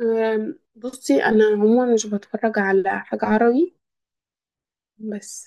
بصي، انا عموما مش بتفرج على حاجة عربي. بس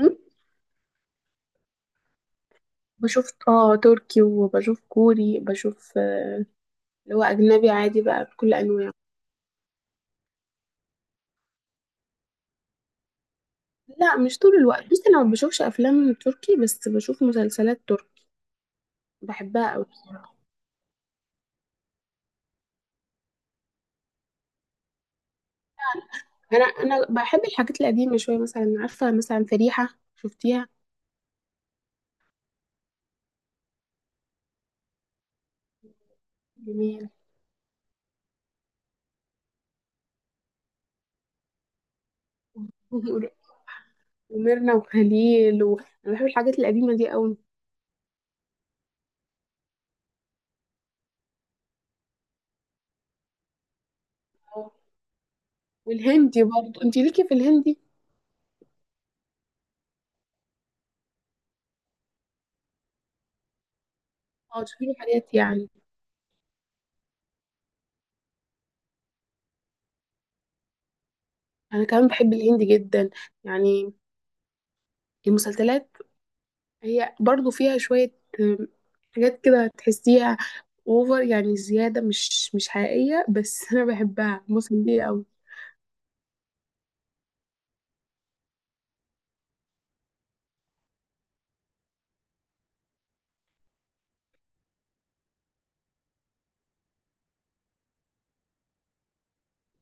أم، بشوف تركي وبشوف كوري، بشوف اللي هو اجنبي عادي بقى بكل انواعه. لا، مش طول الوقت. بصي، انا ما بشوفش افلام تركي بس بشوف مسلسلات تركي، بحبها قوي. انا بحب الحاجات القديمة شوية، مثلا عارفة، مثلا فريحة، شفتيها؟ جميل. وميرنا وخليل و... انا بحب الحاجات القديمة دي قوي. والهندي برضه، انت ليكي في الهندي؟ اه، تشوفي حاجات يعني. انا كمان بحب الهندي جدا، يعني المسلسلات. هي برضو فيها شوية آم، حاجات كده تحسيها اوفر، يعني زيادة، مش حقيقية، بس انا بحبها، مسلية قوي.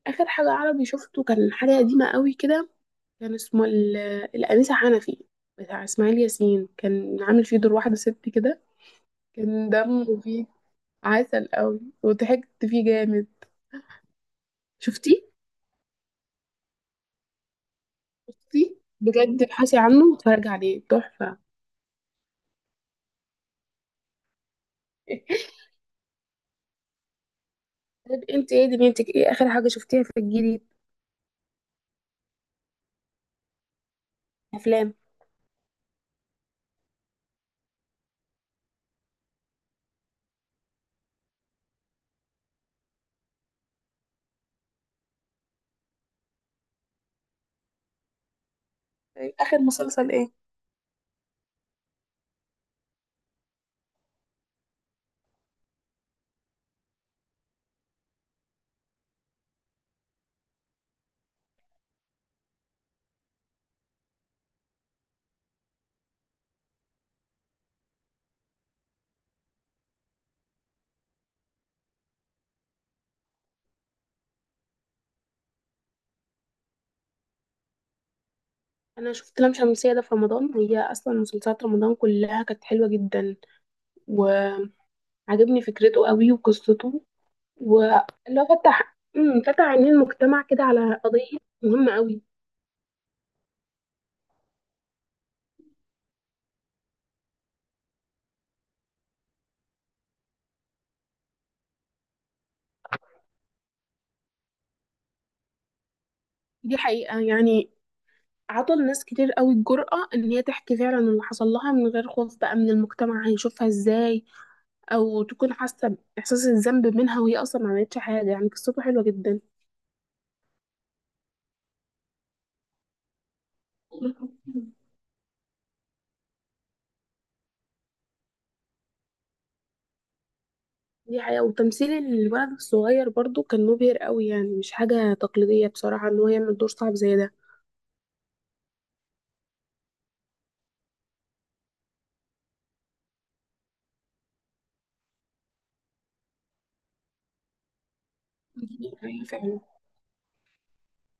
اخر حاجة عربي شفته كان حاجة قديمة قوي كده. كان اسمه الأنسة حنفي بتاع اسماعيل ياسين. كان عامل فيه دور واحدة ست كده، كان دمه فيه عسل قوي، وضحكت فيه جامد. شفتيه؟ شفتيه بجد، ابحثي عنه واتفرجي عليه، تحفة. طيب، انت ايه دنيتك، ايه اخر حاجه شفتيها في الجديد؟ افلام. اخر مسلسل ايه؟ انا شفت لام شمسية ده في رمضان، هي اصلا مسلسلات رمضان كلها كانت حلوه جدا. وعجبني فكرته قوي وقصته، واللي هو فتح فتح عينين المجتمع كده على قضيه مهمه قوي. دي حقيقه يعني، عطى لناس كتير قوي الجرأة ان هي تحكي فعلا اللي حصل لها من غير خوف بقى من المجتمع هيشوفها ازاي، او تكون حاسة باحساس الذنب منها وهي اصلا ما عملتش حاجة. يعني قصته حلوة جدا. دي حقيقة. وتمثيل الولد الصغير برضو كان مبهر قوي، يعني مش حاجة تقليدية بصراحة ان هو يعمل دور صعب زي ده. دي حقيقة فعلا،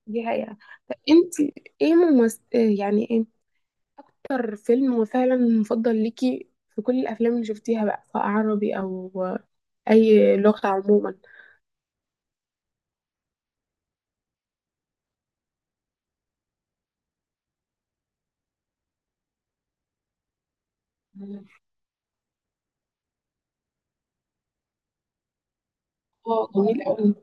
دي حقيقة. طب انت ايه ممثل، يعني ايه اكتر فيلم هو فعلا مفضل ليكي في كل الافلام اللي شفتيها بقى، سواء عربي او اي لغة عموما؟ اه جميل قوي.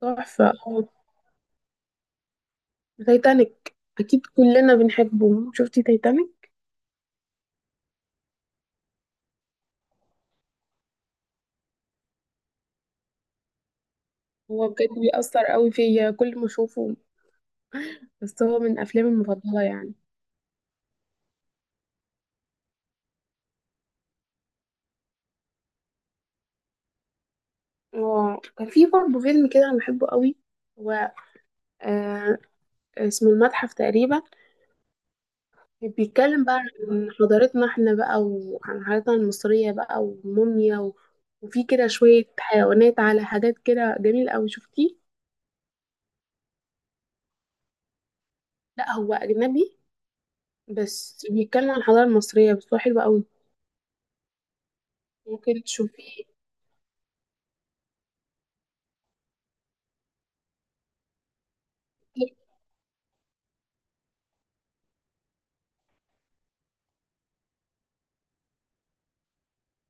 تحفة. اه تايتانيك اكيد كلنا بنحبه، شفتي تايتانيك؟ هو بجد بيأثر قوي فيا كل ما اشوفه، بس هو من أفلامي المفضلة يعني. اه كان في برضه فيلم كده أنا بحبه قوي. هو آه اسمه المتحف تقريبا، بيتكلم بقى عن حضارتنا احنا بقى، وعن حضارتنا المصرية بقى، والموميا و... وفي كده شوية حيوانات على حاجات كده، جميلة أوي. شفتيه؟ لا هو أجنبي، بس بيتكلم عن الحضارة المصرية، بس هو حلو أوي. ممكن تشوفيه.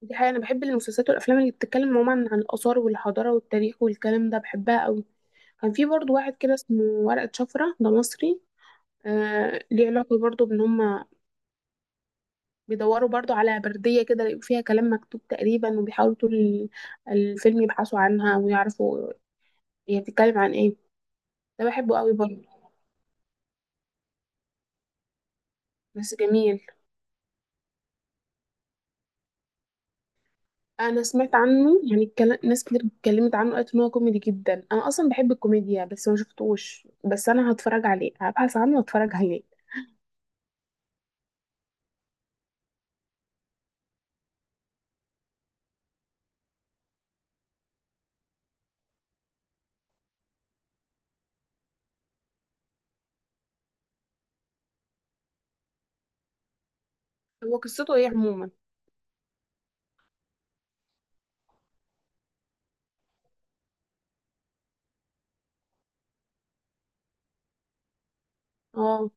دي حقيقة. أنا بحب المسلسلات والأفلام اللي بتتكلم عموما عن الآثار والحضارة والتاريخ والكلام ده، بحبها أوي. كان في برضو واحد كده اسمه ورقة شفرة، ده مصري. آه ليه علاقة برضو بإن هما بيدوروا برضو على بردية كده، يلاقوا فيها كلام مكتوب تقريبا، وبيحاولوا طول الفيلم يبحثوا عنها ويعرفوا هي بتتكلم عن ايه. ده بحبه قوي برضو، بس جميل. أنا سمعت عنه يعني، ناس كتير اتكلمت عنه، قالت إن هو كوميدي جدا. أنا أصلا بحب الكوميديا بس ما شفتوش، بس أنا هتفرج عليه، هبحث عنه واتفرج عليه. هو قصته ايه عموما؟ اه.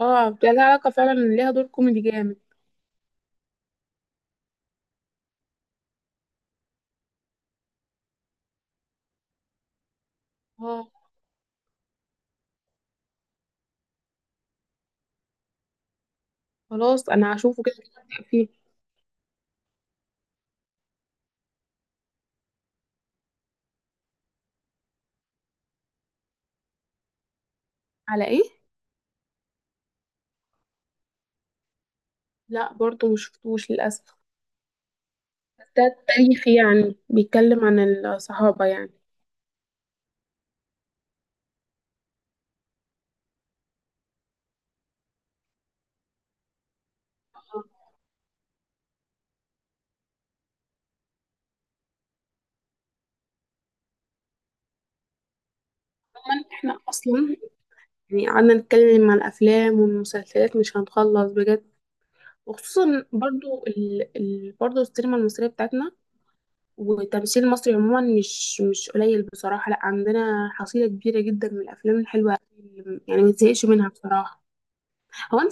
اه ده لها علاقة فعلا، ليها دور كوميدي جامد. اه. خلاص انا هشوفه، كده كده هبدأ فيه. على ايه؟ لا برضو مشفتوش للاسف. ده تاريخي يعني، بيتكلم عن الصحابه يعني. طبعا احنا اصلا يعني قعدنا نتكلم عن الافلام والمسلسلات، مش هنخلص بجد. وخصوصا برضو برضو السينما المصريه بتاعتنا، والتمثيل المصري عموما، مش قليل بصراحه، لا عندنا حصيله كبيره جدا من الافلام الحلوه، يعني ما تزهقش منها بصراحه. هو انت؟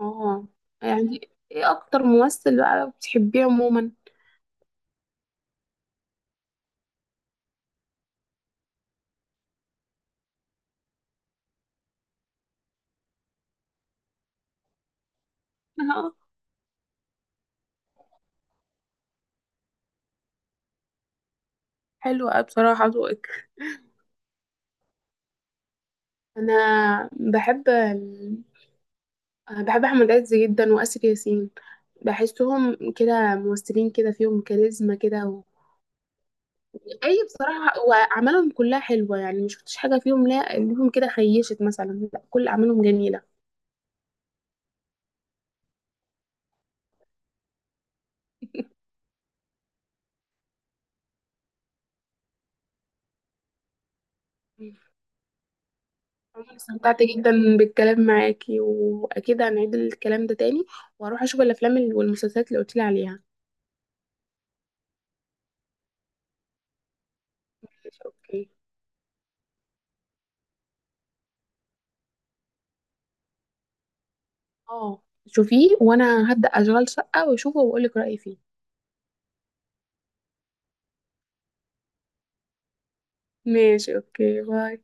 اه، يعني ايه اكتر ممثل بقى بتحبيه عموما؟ اه حلو قوي بصراحة ذوقك. انا بحب ال... أنا بحب احمد عز جدا واسر ياسين، بحسهم كده ممثلين كده فيهم كاريزما كده و... اي بصراحة، واعمالهم كلها حلوة يعني، مش شفتش حاجة فيهم لا ليهم كده خيشت مثلا، لا كل اعمالهم جميلة. عموماً استمتعت جدا بالكلام معاكي، واكيد هنعيد الكلام ده تاني، واروح اشوف الافلام والمسلسلات اللي قلتلي عليها. اوكي. اه شوفيه، وانا هبدأ اشغال شقة واشوفه واقولك رأيي فيه. ماشي، اوكي، باي.